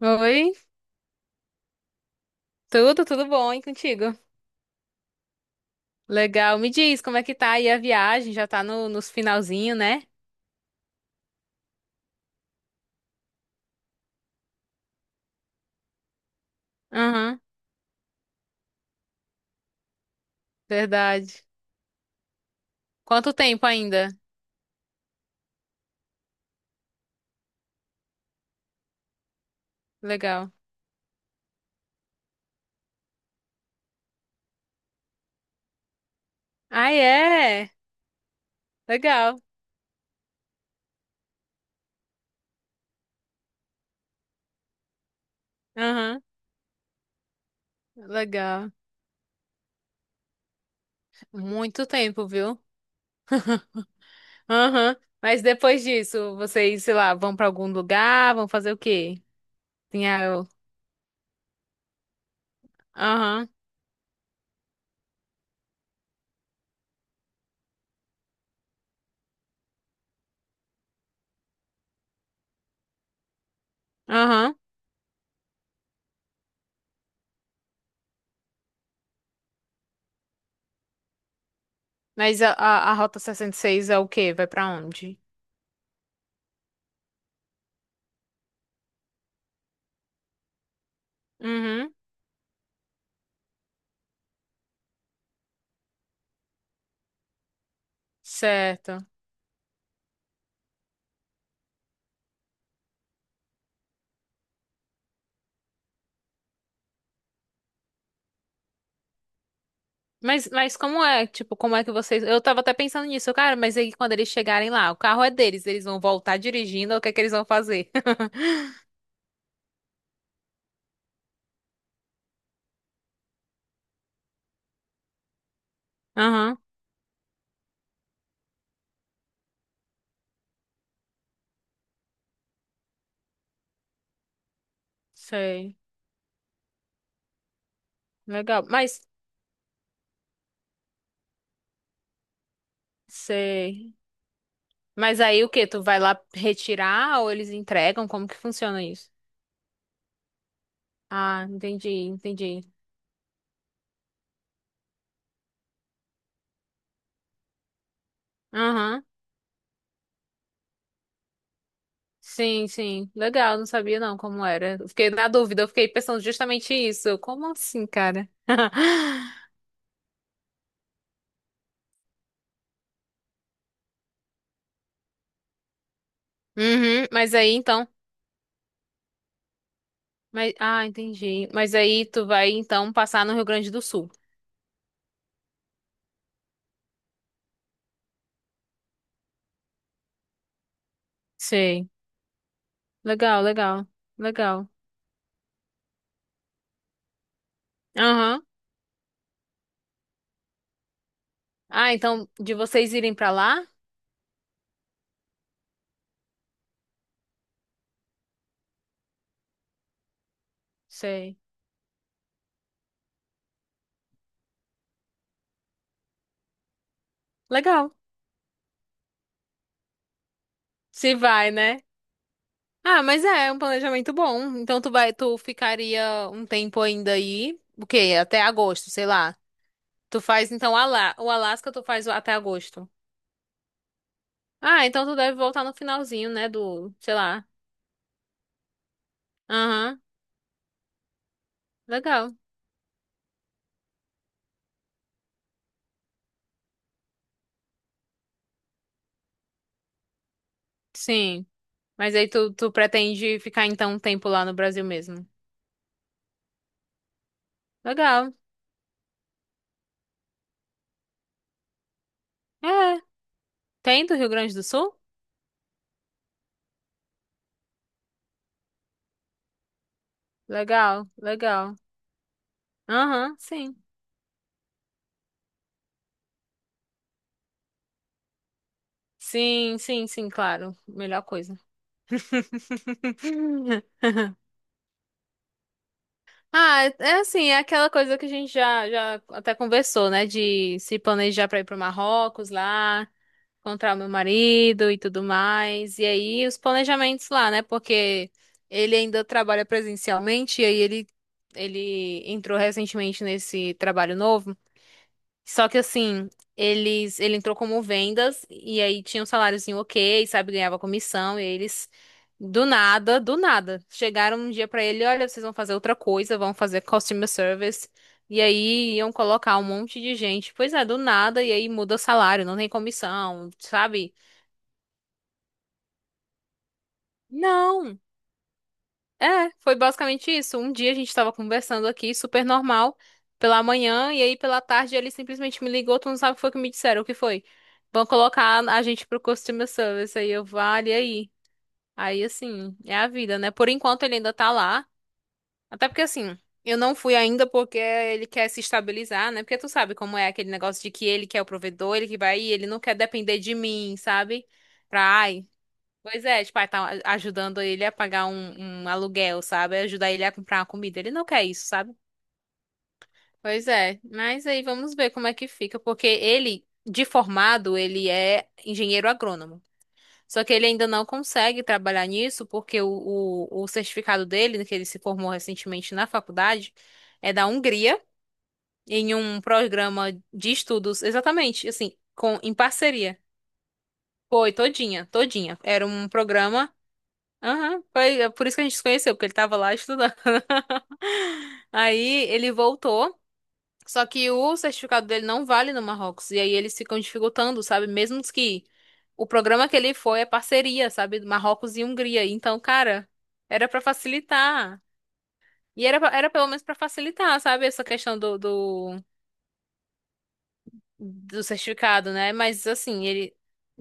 Oi, tudo, tudo bom, hein, contigo? Legal, me diz como é que tá aí a viagem, já tá no, nos finalzinho, né? Aham, verdade. Quanto tempo ainda? Legal. Ah, é? Legal. Aham, legal. Muito tempo, viu? Aham, mas depois disso, vocês, sei lá, vão pra algum lugar, vão fazer o quê? Tem a. Aham, aham. Mas a Rota 66 é o quê? Vai pra onde? Uhum, certo. Mas tipo, como é que vocês. Eu tava até pensando nisso, cara, mas aí quando eles chegarem lá, o carro é deles, eles vão voltar dirigindo, o que é que eles vão fazer? Aham, sei. Legal, mas. Sei. Mas aí o quê? Tu vai lá retirar ou eles entregam? Como que funciona isso? Ah, entendi, entendi. Aham. Sim, sim. Legal, não sabia não como era. Eu fiquei na dúvida, eu fiquei pensando justamente isso. Como assim, cara? Uhum, mas aí então. Mas, ah, entendi. Mas aí tu vai então passar no Rio Grande do Sul. Sei. Legal, legal, legal. Aham. Ah, então de vocês irem pra lá? Sei. Legal. Se vai, né? Ah, mas é um planejamento bom. Então tu vai, tu ficaria um tempo ainda aí, o quê? Até agosto, sei lá. Tu faz então o Alasca, tu faz até agosto. Ah, então tu deve voltar no finalzinho, né, do, sei lá. Aham. Legal. Sim. Mas aí tu pretende ficar então um tempo lá no Brasil mesmo? Legal. É, tem do Rio Grande do Sul? Legal, legal. Aham, sim. Sim, sim, sim, claro. Melhor coisa. Ah, é assim, é aquela coisa que a gente já até conversou, né? De se planejar pra ir pro Marrocos lá. Encontrar o meu marido e tudo mais. E aí os planejamentos lá, né? Porque ele ainda trabalha presencialmente e aí ele entrou recentemente nesse trabalho novo. Só que assim, ele entrou como vendas e aí tinha um saláriozinho OK, sabe, ganhava comissão e aí eles. Do nada, do nada. Chegaram um dia pra ele, olha, vocês vão fazer outra coisa, vão fazer customer service. E aí iam colocar um monte de gente. Pois é, do nada, e aí muda o salário, não tem comissão, sabe? Não, é, foi basicamente isso. Um dia a gente tava conversando aqui, super normal, pela manhã, e aí pela tarde ele simplesmente me ligou, tu não sabe o que foi que me disseram, o que foi? Vão colocar a gente pro customer service, aí eu, vale, e aí? Aí, assim, é a vida, né? Por enquanto ele ainda tá lá, até porque, assim, eu não fui ainda porque ele quer se estabilizar, né? Porque tu sabe como é aquele negócio de que ele que é o provedor, ele que vai ir, ele não quer depender de mim, sabe? Pra, ai. Pois é, tipo, aí tá ajudando ele a pagar um aluguel, sabe? Ajudar ele a comprar uma comida. Ele não quer isso, sabe? Pois é, mas aí vamos ver como é que fica, porque ele, de formado, ele é engenheiro agrônomo. Só que ele ainda não consegue trabalhar nisso, porque o certificado dele, que ele se formou recentemente na faculdade, é da Hungria, em um programa de estudos, exatamente, assim, com, em parceria. Foi, todinha, todinha. Era um programa. Aham, foi é por isso que a gente se conheceu, porque ele tava lá estudando. Aí ele voltou, só que o certificado dele não vale no Marrocos, e aí eles ficam dificultando, sabe? Mesmo que o programa que ele foi é parceria, sabe? Do Marrocos e Hungria. Então, cara, era pra facilitar. Era era pelo menos pra facilitar, sabe? Essa questão do, do certificado, né? Mas assim, ele,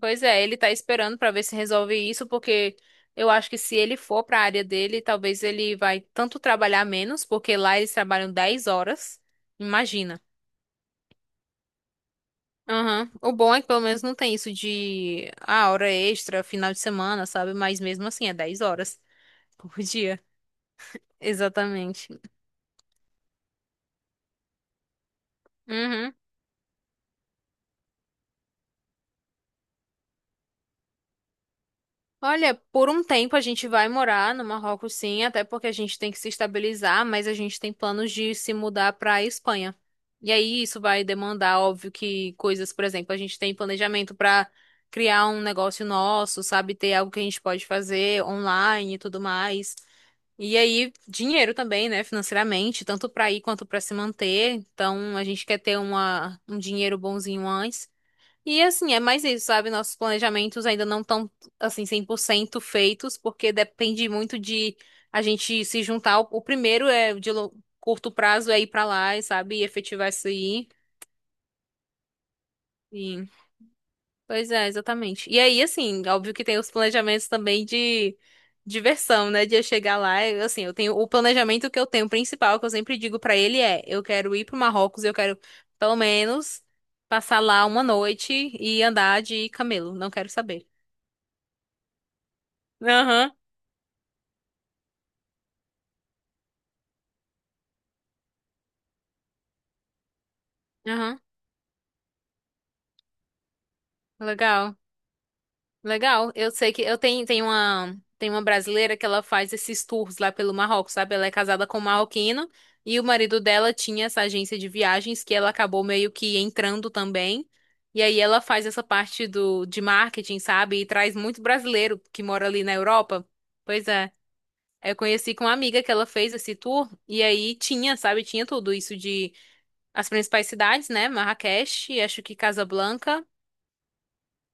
pois é, ele tá esperando pra ver se resolve isso, porque eu acho que se ele for pra área dele, talvez ele vai tanto trabalhar menos, porque lá eles trabalham 10 horas. Imagina. Aham. O bom é que pelo menos não tem isso de hora extra, final de semana, sabe? Mas mesmo assim é 10 horas por dia. Exatamente. Uhum. Olha, por um tempo a gente vai morar no Marrocos, sim, até porque a gente tem que se estabilizar, mas a gente tem planos de se mudar para a Espanha. E aí isso vai demandar, óbvio, que coisas, por exemplo, a gente tem planejamento para criar um negócio nosso, sabe, ter algo que a gente pode fazer online e tudo mais. E aí dinheiro também, né, financeiramente, tanto para ir quanto para se manter. Então a gente quer ter uma, um dinheiro bonzinho antes. E assim, é mais isso, sabe? Nossos planejamentos ainda não estão, assim, 100% feitos, porque depende muito de a gente se juntar. O primeiro é de curto prazo é ir pra lá, e, sabe? E efetivar isso aí. E, pois é, exatamente. E aí, assim, óbvio que tem os planejamentos também de diversão, né? De eu chegar lá, eu, assim, eu tenho o planejamento que eu tenho principal, que eu sempre digo pra ele é, eu quero ir pro Marrocos, eu quero pelo menos passar lá uma noite e andar de camelo, não quero saber. Aham, aham. Legal, legal. Eu sei que eu tenho, tem uma brasileira que ela faz esses tours lá pelo Marrocos, sabe? Ela é casada com um marroquino e o marido dela tinha essa agência de viagens que ela acabou meio que entrando também. E aí ela faz essa parte do de marketing, sabe? E traz muito brasileiro que mora ali na Europa. Pois é. Eu conheci com uma amiga que ela fez esse tour e aí tinha, sabe, tinha tudo isso de as principais cidades, né? Marrakech, acho que Casablanca.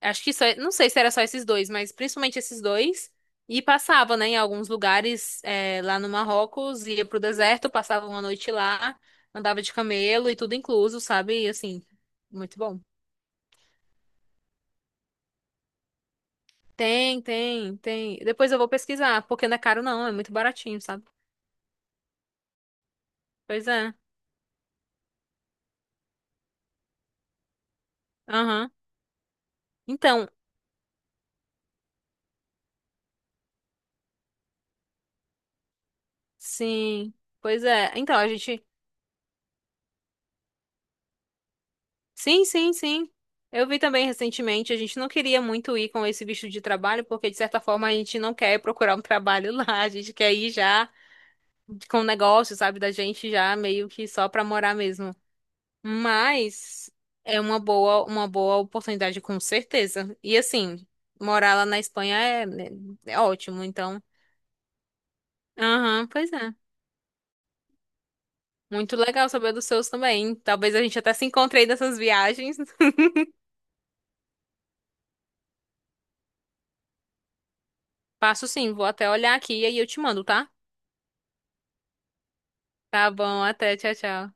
Acho que só, não sei se era só esses dois, mas principalmente esses dois. E passava, né, em alguns lugares lá no Marrocos, ia pro deserto, passava uma noite lá, andava de camelo e tudo incluso, sabe? E assim, muito bom. Tem, tem, tem. Depois eu vou pesquisar, porque não é caro não, é muito baratinho, sabe? Pois é. Aham. Então, sim. Pois é. Então, a gente. Sim, sim, sim. Eu vi também recentemente, a gente não queria muito ir com esse visto de trabalho, porque de certa forma a gente não quer procurar um trabalho lá, a gente quer ir já com o negócio, sabe, da gente já meio que só pra morar mesmo. Mas é uma boa oportunidade com certeza. E assim, morar lá na Espanha é, né, é ótimo, então. Aham, pois é. Muito legal saber dos seus também. Talvez a gente até se encontre aí nessas viagens. Passo sim, vou até olhar aqui e aí eu te mando, tá? Tá bom, até, tchau, tchau.